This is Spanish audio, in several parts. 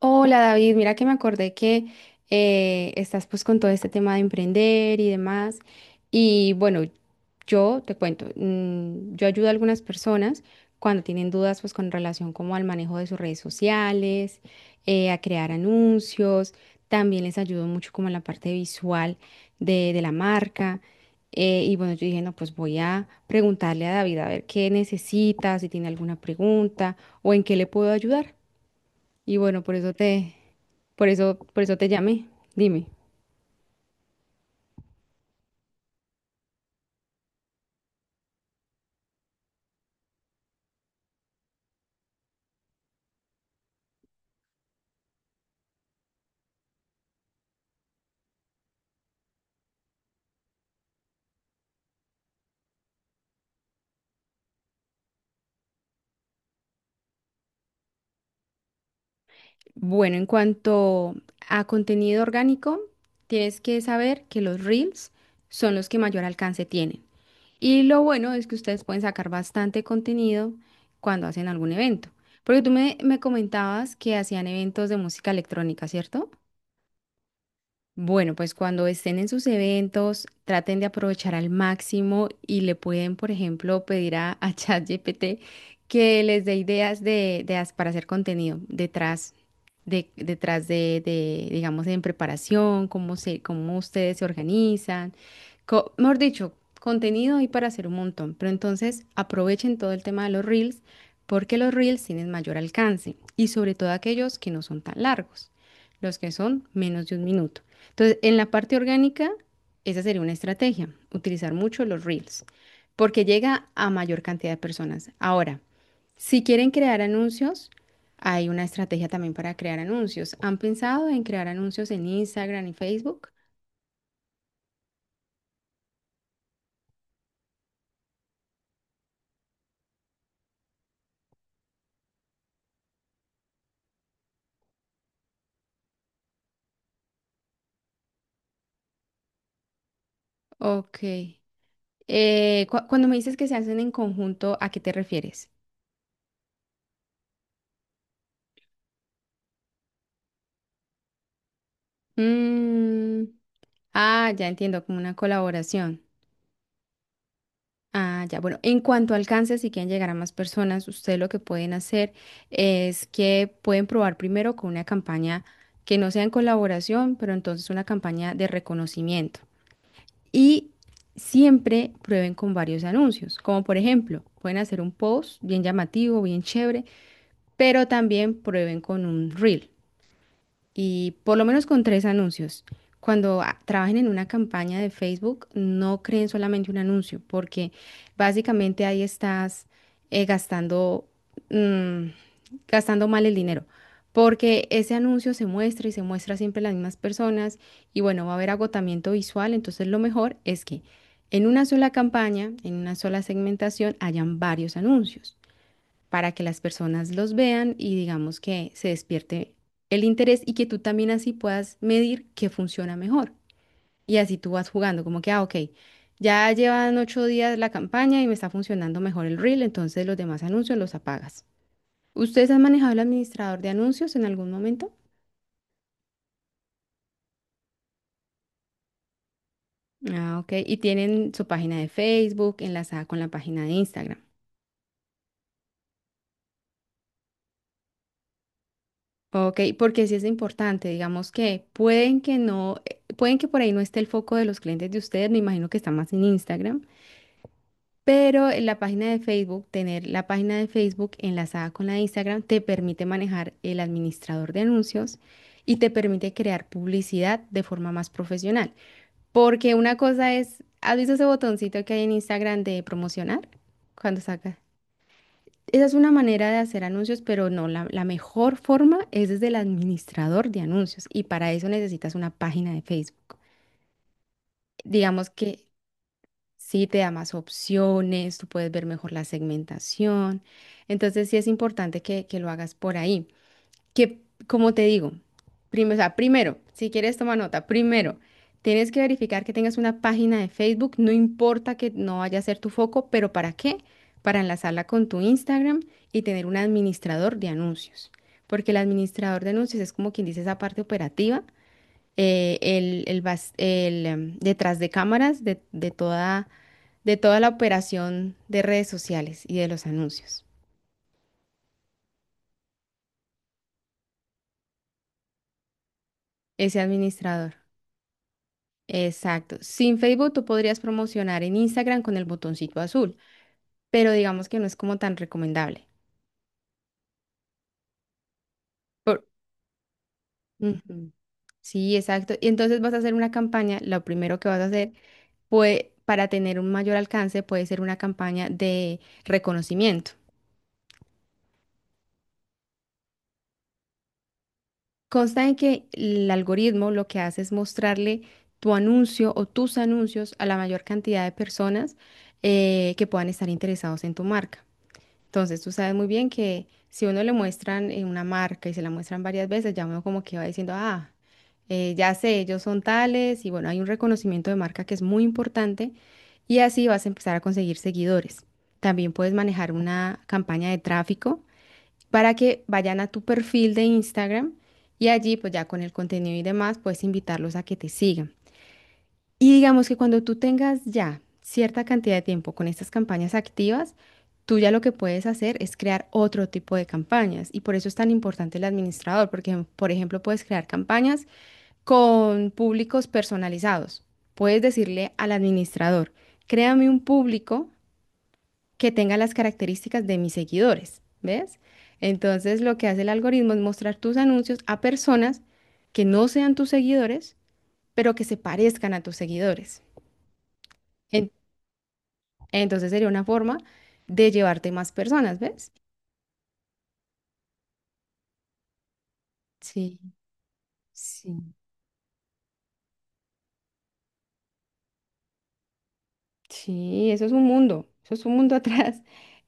Hola David, mira que me acordé que estás pues con todo este tema de emprender y demás. Y bueno, yo te cuento, yo ayudo a algunas personas cuando tienen dudas pues con relación como al manejo de sus redes sociales, a crear anuncios, también les ayudo mucho como en la parte visual de la marca. Y bueno, yo dije, no, pues voy a preguntarle a David a ver qué necesita, si tiene alguna pregunta o en qué le puedo ayudar. Y bueno, por eso te llamé. Dime. Bueno, en cuanto a contenido orgánico, tienes que saber que los Reels son los que mayor alcance tienen. Y lo bueno es que ustedes pueden sacar bastante contenido cuando hacen algún evento. Porque me comentabas que hacían eventos de música electrónica, ¿cierto? Bueno, pues cuando estén en sus eventos, traten de aprovechar al máximo y le pueden, por ejemplo, pedir a ChatGPT que les dé ideas de para hacer contenido detrás de, digamos, en preparación, cómo ustedes se organizan. Mejor dicho, contenido hay para hacer un montón, pero entonces aprovechen todo el tema de los reels porque los reels tienen mayor alcance y sobre todo aquellos que no son tan largos, los que son menos de un minuto. Entonces, en la parte orgánica, esa sería una estrategia, utilizar mucho los reels, porque llega a mayor cantidad de personas. Ahora, si quieren crear anuncios, hay una estrategia también para crear anuncios. ¿Han pensado en crear anuncios en Instagram y Facebook? Ok. Cuando me dices que se hacen en conjunto, ¿a qué te refieres? Mm, ah, ya entiendo, como una colaboración. Ah, ya, bueno, en cuanto alcance, si quieren llegar a más personas, ustedes lo que pueden hacer es que pueden probar primero con una campaña que no sea en colaboración, pero entonces una campaña de reconocimiento. Y siempre prueben con varios anuncios, como por ejemplo, pueden hacer un post bien llamativo, bien chévere, pero también prueben con un reel. Y por lo menos con tres anuncios. Cuando trabajen en una campaña de Facebook, no creen solamente un anuncio, porque básicamente ahí estás gastando, mm, gastando mal el dinero. Porque ese anuncio se muestra y se muestra siempre a las mismas personas y bueno, va a haber agotamiento visual. Entonces lo mejor es que en una sola campaña, en una sola segmentación, hayan varios anuncios para que las personas los vean y digamos que se despierte el interés y que tú también así puedas medir qué funciona mejor. Y así tú vas jugando, como que, ah, ok, ya llevan 8 días la campaña y me está funcionando mejor el reel, entonces los demás anuncios los apagas. ¿Ustedes han manejado el administrador de anuncios en algún momento? Ah, ok. Y tienen su página de Facebook enlazada con la página de Instagram. Ok, porque sí es importante, digamos que pueden que no, pueden que por ahí no esté el foco de los clientes de ustedes, me imagino que está más en Instagram, pero en la página de Facebook, tener la página de Facebook enlazada con la de Instagram te permite manejar el administrador de anuncios y te permite crear publicidad de forma más profesional, porque una cosa es, ¿has visto ese botoncito que hay en Instagram de promocionar? Cuando sacas esa es una manera de hacer anuncios, pero no, la mejor forma es desde el administrador de anuncios y para eso necesitas una página de Facebook. Digamos que sí te da más opciones, tú puedes ver mejor la segmentación, entonces sí es importante que lo hagas por ahí que, como te digo, o sea, primero, si quieres toma nota, primero, tienes que verificar que tengas una página de Facebook, no importa que no vaya a ser tu foco, pero ¿para qué? Para enlazarla con tu Instagram y tener un administrador de anuncios, porque el administrador de anuncios es como quien dice esa parte operativa, el bas- el, em, detrás de cámaras de de toda la operación de redes sociales y de los anuncios, ese administrador. Exacto. Sin Facebook tú podrías promocionar en Instagram con el botoncito azul, pero digamos que no es como tan recomendable. Por... Ujú. Sí, exacto. Y entonces vas a hacer una campaña, lo primero que vas a hacer, pues para tener un mayor alcance puede ser una campaña de reconocimiento. Consta en que el algoritmo lo que hace es mostrarle tu anuncio o tus anuncios a la mayor cantidad de personas que puedan estar interesados en tu marca. Entonces, tú sabes muy bien que si uno le muestran una marca y se la muestran varias veces, ya uno como que va diciendo, ah, ya sé, ellos son tales, y bueno, hay un reconocimiento de marca que es muy importante, y así vas a empezar a conseguir seguidores. También puedes manejar una campaña de tráfico para que vayan a tu perfil de Instagram y allí, pues ya con el contenido y demás, puedes invitarlos a que te sigan. Y digamos que cuando tú tengas ya cierta cantidad de tiempo con estas campañas activas, tú ya lo que puedes hacer es crear otro tipo de campañas. Y por eso es tan importante el administrador, porque, por ejemplo, puedes crear campañas con públicos personalizados. Puedes decirle al administrador, créame un público que tenga las características de mis seguidores, ¿ves? Entonces, lo que hace el algoritmo es mostrar tus anuncios a personas que no sean tus seguidores, pero que se parezcan a tus seguidores. Entonces sería una forma de llevarte más personas, ¿ves? Sí, sí. Sí, eso es un mundo, eso es un mundo atrás,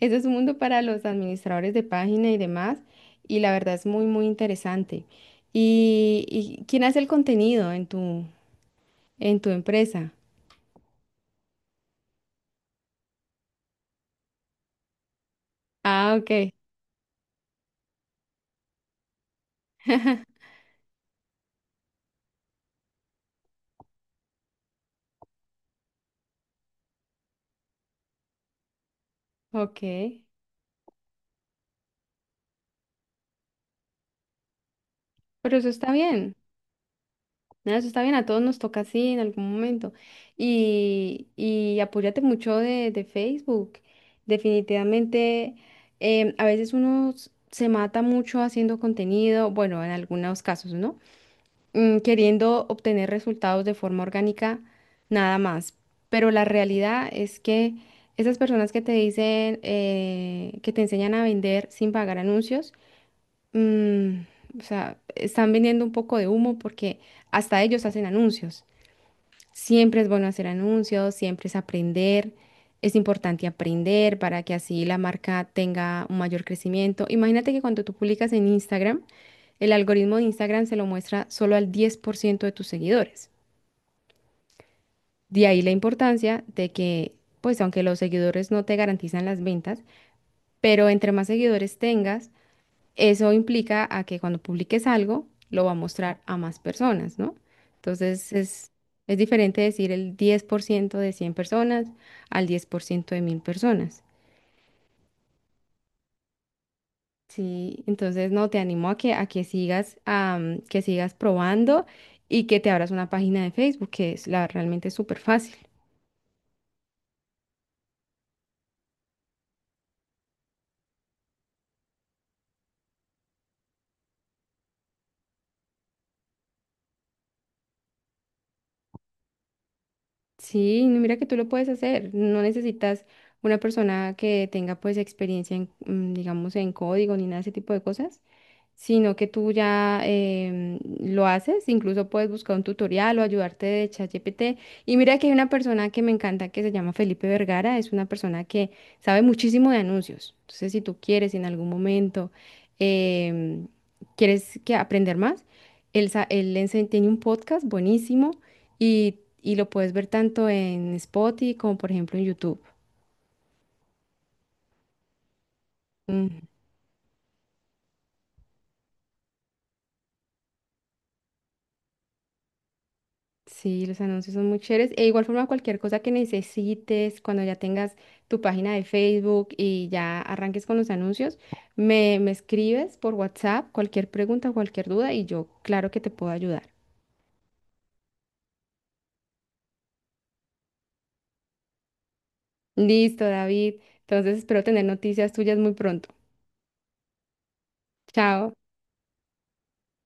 eso es un mundo para los administradores de página y demás, y la verdad es muy, muy interesante. ¿Y quién hace el contenido en en tu empresa? Ah, ok, ok, pero eso está bien. Nada eso está bien, a todos nos toca así en algún momento. Y apóyate mucho de Facebook. Definitivamente, a veces uno se mata mucho haciendo contenido, bueno, en algunos casos, ¿no? Queriendo obtener resultados de forma orgánica, nada más. Pero la realidad es que esas personas que te dicen, que te enseñan a vender sin pagar anuncios, o sea, están vendiendo un poco de humo porque hasta ellos hacen anuncios. Siempre es bueno hacer anuncios, siempre es aprender. Es importante aprender para que así la marca tenga un mayor crecimiento. Imagínate que cuando tú publicas en Instagram, el algoritmo de Instagram se lo muestra solo al 10% de tus seguidores. De ahí la importancia de que, pues aunque los seguidores no te garantizan las ventas, pero entre más seguidores tengas, eso implica a que cuando publiques algo, lo va a mostrar a más personas, ¿no? Entonces es diferente decir el 10% de 100 personas al 10% de 1000 personas. Sí, entonces no, te animo a que sigas, que sigas probando y que te abras una página de Facebook, que es la realmente es súper fácil. Sí, no, mira que tú lo puedes hacer. No necesitas una persona que tenga pues experiencia en, digamos, en código ni nada de ese tipo de cosas. Sino que tú ya lo haces, incluso puedes buscar un tutorial o ayudarte de ChatGPT. Y mira que hay una persona que me encanta que se llama Felipe Vergara, es una persona que sabe muchísimo de anuncios. Entonces, si tú quieres si en algún momento, em, quieres que aprender más, él tiene un podcast buenísimo y lo puedes ver tanto en Spotify como por ejemplo en YouTube. Sí, los anuncios son muy chéveres. E igual forma, cualquier cosa que necesites, cuando ya tengas tu página de Facebook y ya arranques con los anuncios, me escribes por WhatsApp cualquier pregunta, cualquier duda y yo, claro que te puedo ayudar. Listo, David. Entonces espero tener noticias tuyas muy pronto. Chao.